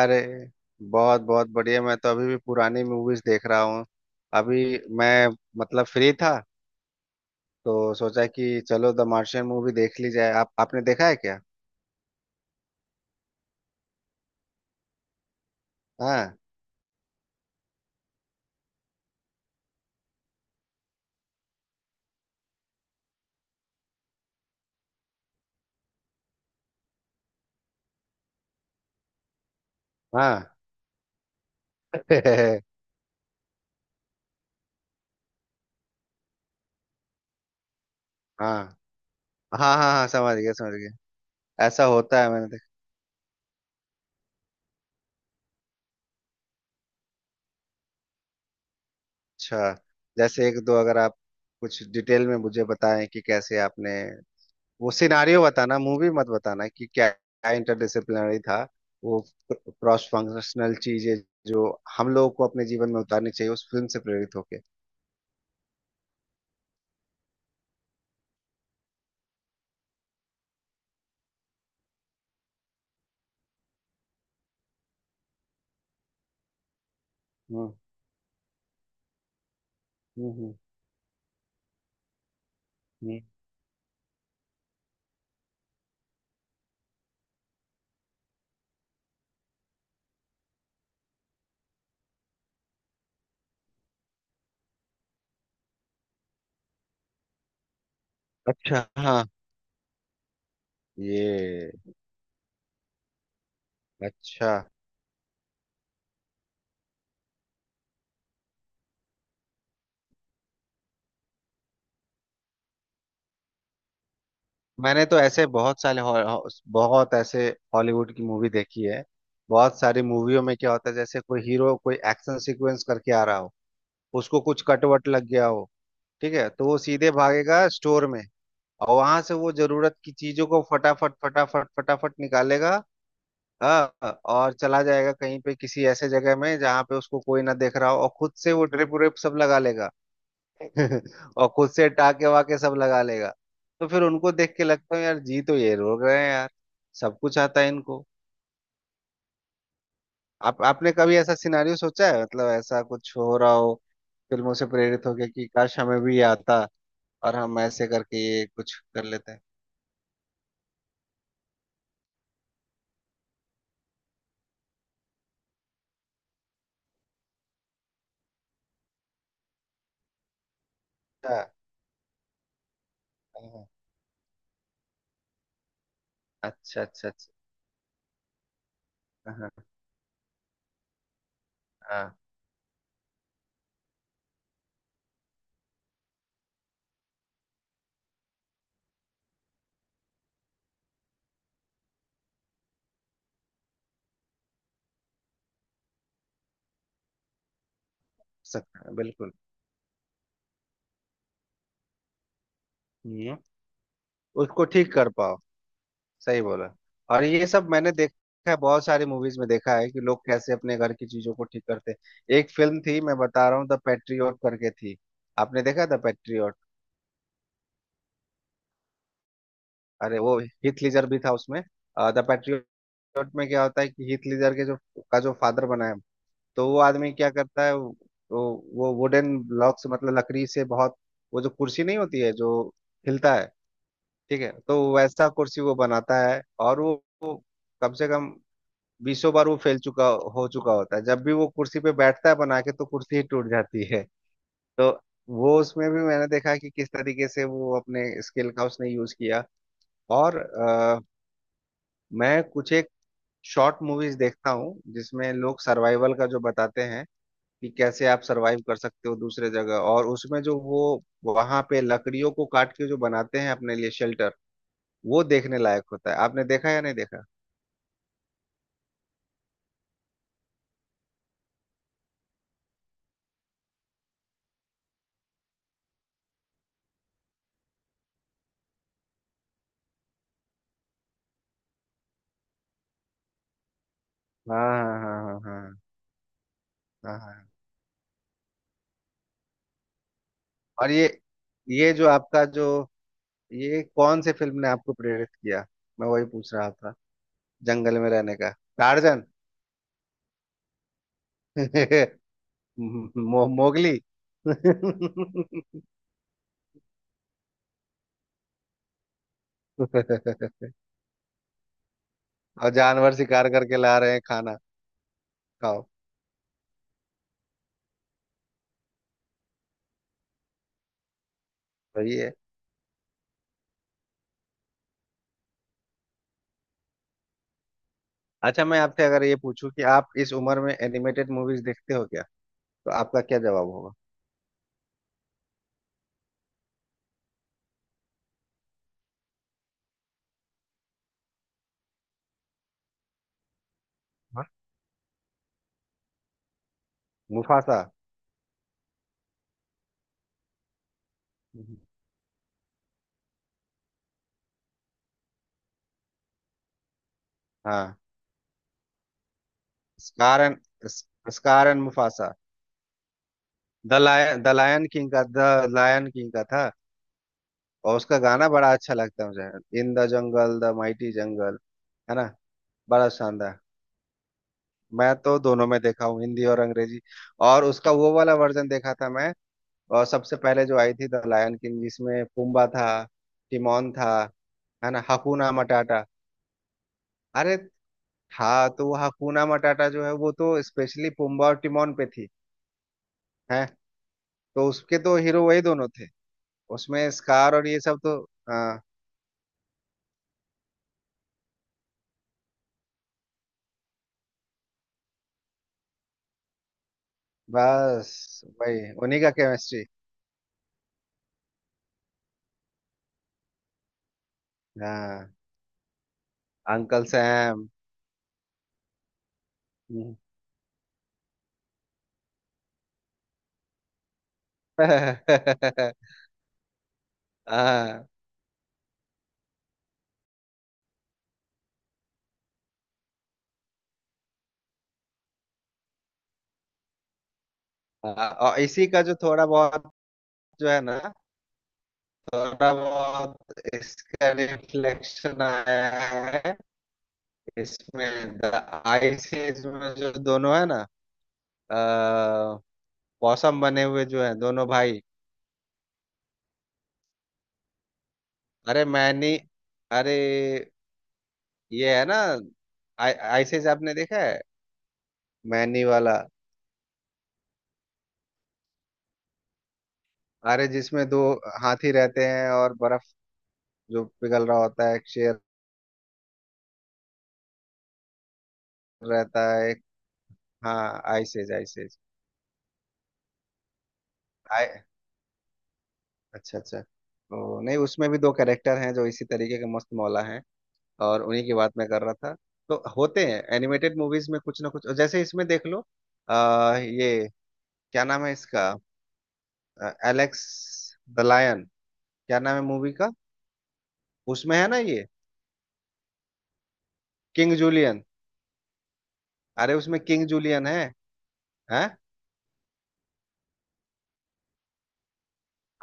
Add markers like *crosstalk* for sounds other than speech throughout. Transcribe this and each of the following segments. अरे, बहुत बहुत बढ़िया। मैं तो अभी भी पुरानी मूवीज देख रहा हूँ। अभी मैं मतलब फ्री था तो सोचा कि चलो द मार्शियन मूवी देख ली जाए। आप आपने देखा है क्या? हाँ। हाँ। *laughs* हाँ, हाँ, हाँ, हाँ, समझ गया, समझ गया। ऐसा होता है, मैंने देखा। अच्छा। जैसे एक दो अगर आप कुछ डिटेल में मुझे बताएं कि कैसे आपने वो सिनारियो बताना, मूवी मत बताना, कि क्या क्या इंटरडिसिप्लिनरी था, वो क्रॉस फंक्शनल चीजें जो हम लोगों को अपने जीवन में उतारनी चाहिए उस फिल्म से प्रेरित होके। हम्म। हम्म। हम्म। हम्म। अच्छा, हाँ। ये। अच्छा। मैंने तो ऐसे बहुत सारे हॉ- हॉ- बहुत ऐसे हॉलीवुड की मूवी देखी है। बहुत सारी मूवियों में क्या होता है, जैसे कोई हीरो कोई एक्शन सीक्वेंस करके आ रहा हो, उसको कुछ कटवट लग गया हो, ठीक है, तो वो सीधे भागेगा स्टोर में और वहां से वो जरूरत की चीजों को फटाफट फटाफट फटाफट निकालेगा। हाँ, और चला जाएगा कहीं पे किसी ऐसे जगह में जहाँ पे उसको कोई ना देख रहा हो और खुद से वो ड्रिप व्रिप सब लगा लेगा। *laughs* और खुद से टाके वाके सब लगा लेगा। तो फिर उनको देख के लगता है यार जी, तो ये रोक रहे हैं यार, सब कुछ आता है इनको। आप आपने कभी ऐसा सिनारियो सोचा है, मतलब ऐसा कुछ हो रहा हो फिल्मों से प्रेरित होके, कि काश हमें भी ये आता और हम ऐसे करके ये कुछ कर लेते हैं? अच्छा, हाँ, हाँ। अच्छा, अच्छा, अच्छा। हाँ, हाँ। सक, बिल्कुल। हम्म। उसको ठीक कर पाओ। सही बोला। और ये सब मैंने देखा है, बहुत सारी मूवीज में देखा है कि लोग कैसे अपने घर की चीजों को ठीक करते हैं। एक फिल्म थी मैं बता रहा हूँ, द पैट्रियट करके थी। आपने देखा द पैट्रियट? अरे वो हीथ लीजर भी था उसमें। द पैट्रियट में क्या होता है कि हीथ लीजर के जो का जो फादर बना है, तो वो आदमी क्या करता है, वो वुडन ब्लॉक से मतलब लकड़ी से बहुत, वो जो कुर्सी नहीं होती है जो हिलता है, ठीक है, तो वैसा कुर्सी वो बनाता है, और वो कम से कम बीसों बार वो फैल चुका हो चुका होता है। जब भी वो कुर्सी पे बैठता है बना के तो कुर्सी ही टूट जाती है। तो वो उसमें भी मैंने देखा कि किस तरीके से वो अपने स्किल का उसने यूज किया। और मैं कुछ एक शॉर्ट मूवीज देखता हूँ जिसमें लोग सर्वाइवल का जो बताते हैं कि कैसे आप सर्वाइव कर सकते हो दूसरे जगह। और उसमें जो वो वहां पे लकड़ियों को काट के जो बनाते हैं अपने लिए शेल्टर, वो देखने लायक होता है। आपने देखा या नहीं देखा? हाँ, हाँ, हाँ, हाँ, हाँ, हाँ, हाँ। और ये जो आपका जो, ये कौन से फिल्म ने आपको प्रेरित किया? मैं वही पूछ रहा था, जंगल में रहने का। टार्जन। *laughs* मोगली। *laughs* और जानवर शिकार करके ला रहे हैं खाना। खाओ। सही है। अच्छा, मैं आपसे अगर ये पूछूं कि आप इस उम्र में एनिमेटेड मूवीज देखते हो क्या, तो आपका क्या जवाब होगा? हाँ? मुफासा। हाँ। Scar and Scar and Mufasa. The lion king का था। और उसका गाना बड़ा अच्छा लगता है मुझे, in the jungle the mighty jungle, है ना, बड़ा शानदार। मैं तो दोनों में देखा हूँ, हिंदी और अंग्रेजी। और उसका वो वाला वर्जन देखा था मैं। और सबसे पहले जो आई थी द लायन किंग, जिसमें पुम्बा था, टिमोन था, है ना, हकुना मटाटा। अरे, था तो वो हकुना मटाटा जो है वो तो स्पेशली पुम्बा और टिमोन पे थी। है, तो उसके तो हीरो वही दोनों थे, उसमें स्कार और ये सब तो। हाँ, बस भाई उन्हीं का केमिस्ट्री। हाँ। Uncle Sam. हम्म। *laughs* हाँ, हाँ, और इसी का जो थोड़ा बहुत जो है ना, थोड़ा बहुत इसका रिफ्लेक्शन आया है इसमें द आइसिस में, जो दोनों है ना, अ, पॉसम बने हुए जो है दोनों भाई। अरे मैनी। अरे ये है ना, आइसिस, आपने देखा है मैनी वाला? अरे जिसमें दो हाथी रहते हैं और बर्फ जो पिघल रहा होता है, एक शेर रहता है एक। हाँ, आइस एज, आइस एज। आय। अच्छा, अच्छा, तो नहीं, उसमें भी दो कैरेक्टर हैं जो इसी तरीके के मस्त मौला हैं, और उन्हीं की बात मैं कर रहा था। तो होते हैं एनिमेटेड मूवीज में कुछ ना कुछ, जैसे इसमें देख लो। ये क्या नाम है इसका? एलेक्स द लायन, क्या नाम है मूवी का? उसमें है ना ये, किंग जूलियन। अरे उसमें किंग जूलियन है। हैं।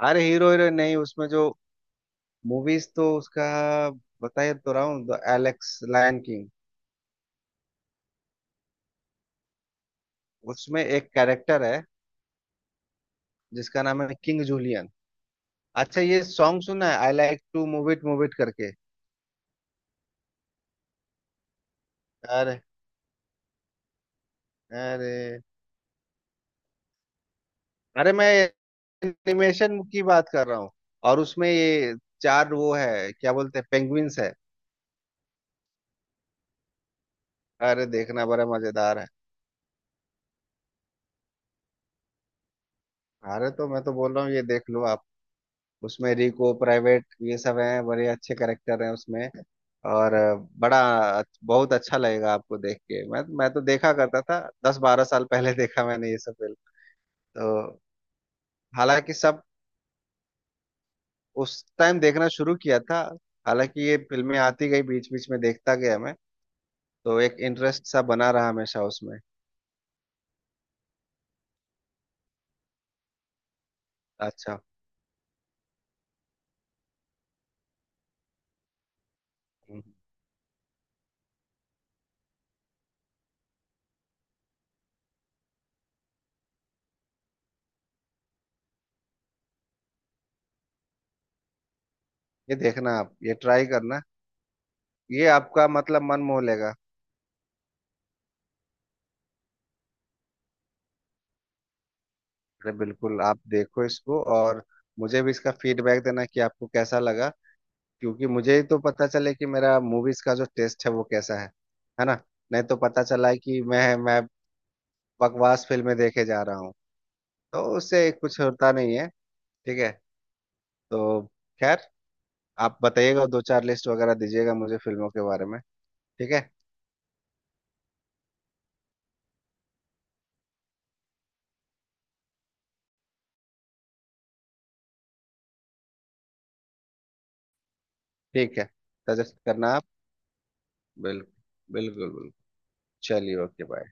अरे हीरो हीरोइन नहीं, उसमें जो मूवीज तो उसका बताया तो रहा हूँ, द एलेक्स लायन किंग, उसमें एक कैरेक्टर है जिसका नाम है किंग जूलियन। अच्छा, ये सॉन्ग सुना है, I like to move it करके? अरे, अरे, अरे, मैं एनिमेशन की बात कर रहा हूँ। और उसमें ये चार वो है क्या बोलते हैं, पेंगुइन्स है। अरे देखना बड़ा मजेदार है। अरे तो मैं तो बोल रहा हूँ ये देख लो आप। उसमें रिको, प्राइवेट, ये सब हैं, बड़े अच्छे कैरेक्टर हैं उसमें। और बड़ा बहुत अच्छा लगेगा आपको देख के। मैं तो देखा करता था दस बारह साल पहले। *laughs* देखा मैंने ये सब फिल्म तो। हालांकि सब उस टाइम देखना शुरू किया था, हालांकि ये फिल्में आती गई बीच बीच में, देखता गया मैं। तो एक इंटरेस्ट सा बना रहा हमेशा उसमें। अच्छा। हम्म। ये देखना, आप ये ट्राई करना, ये आपका मतलब मन मोह लेगा। अरे बिल्कुल आप देखो इसको, और मुझे भी इसका फीडबैक देना कि आपको कैसा लगा, क्योंकि मुझे ही तो पता चले कि मेरा मूवीज का जो टेस्ट है वो कैसा है ना। नहीं तो पता चला है कि मैं बकवास फिल्में देखे जा रहा हूँ, तो उससे कुछ होता नहीं है। ठीक है। तो खैर, आप बताइएगा, दो चार लिस्ट वगैरह दीजिएगा मुझे फिल्मों के बारे में। ठीक है। ठीक है, सजेस्ट करना आप। बिल्कुल, बिल्कुल, बिल्कुल। चलिए, ओके, बाय।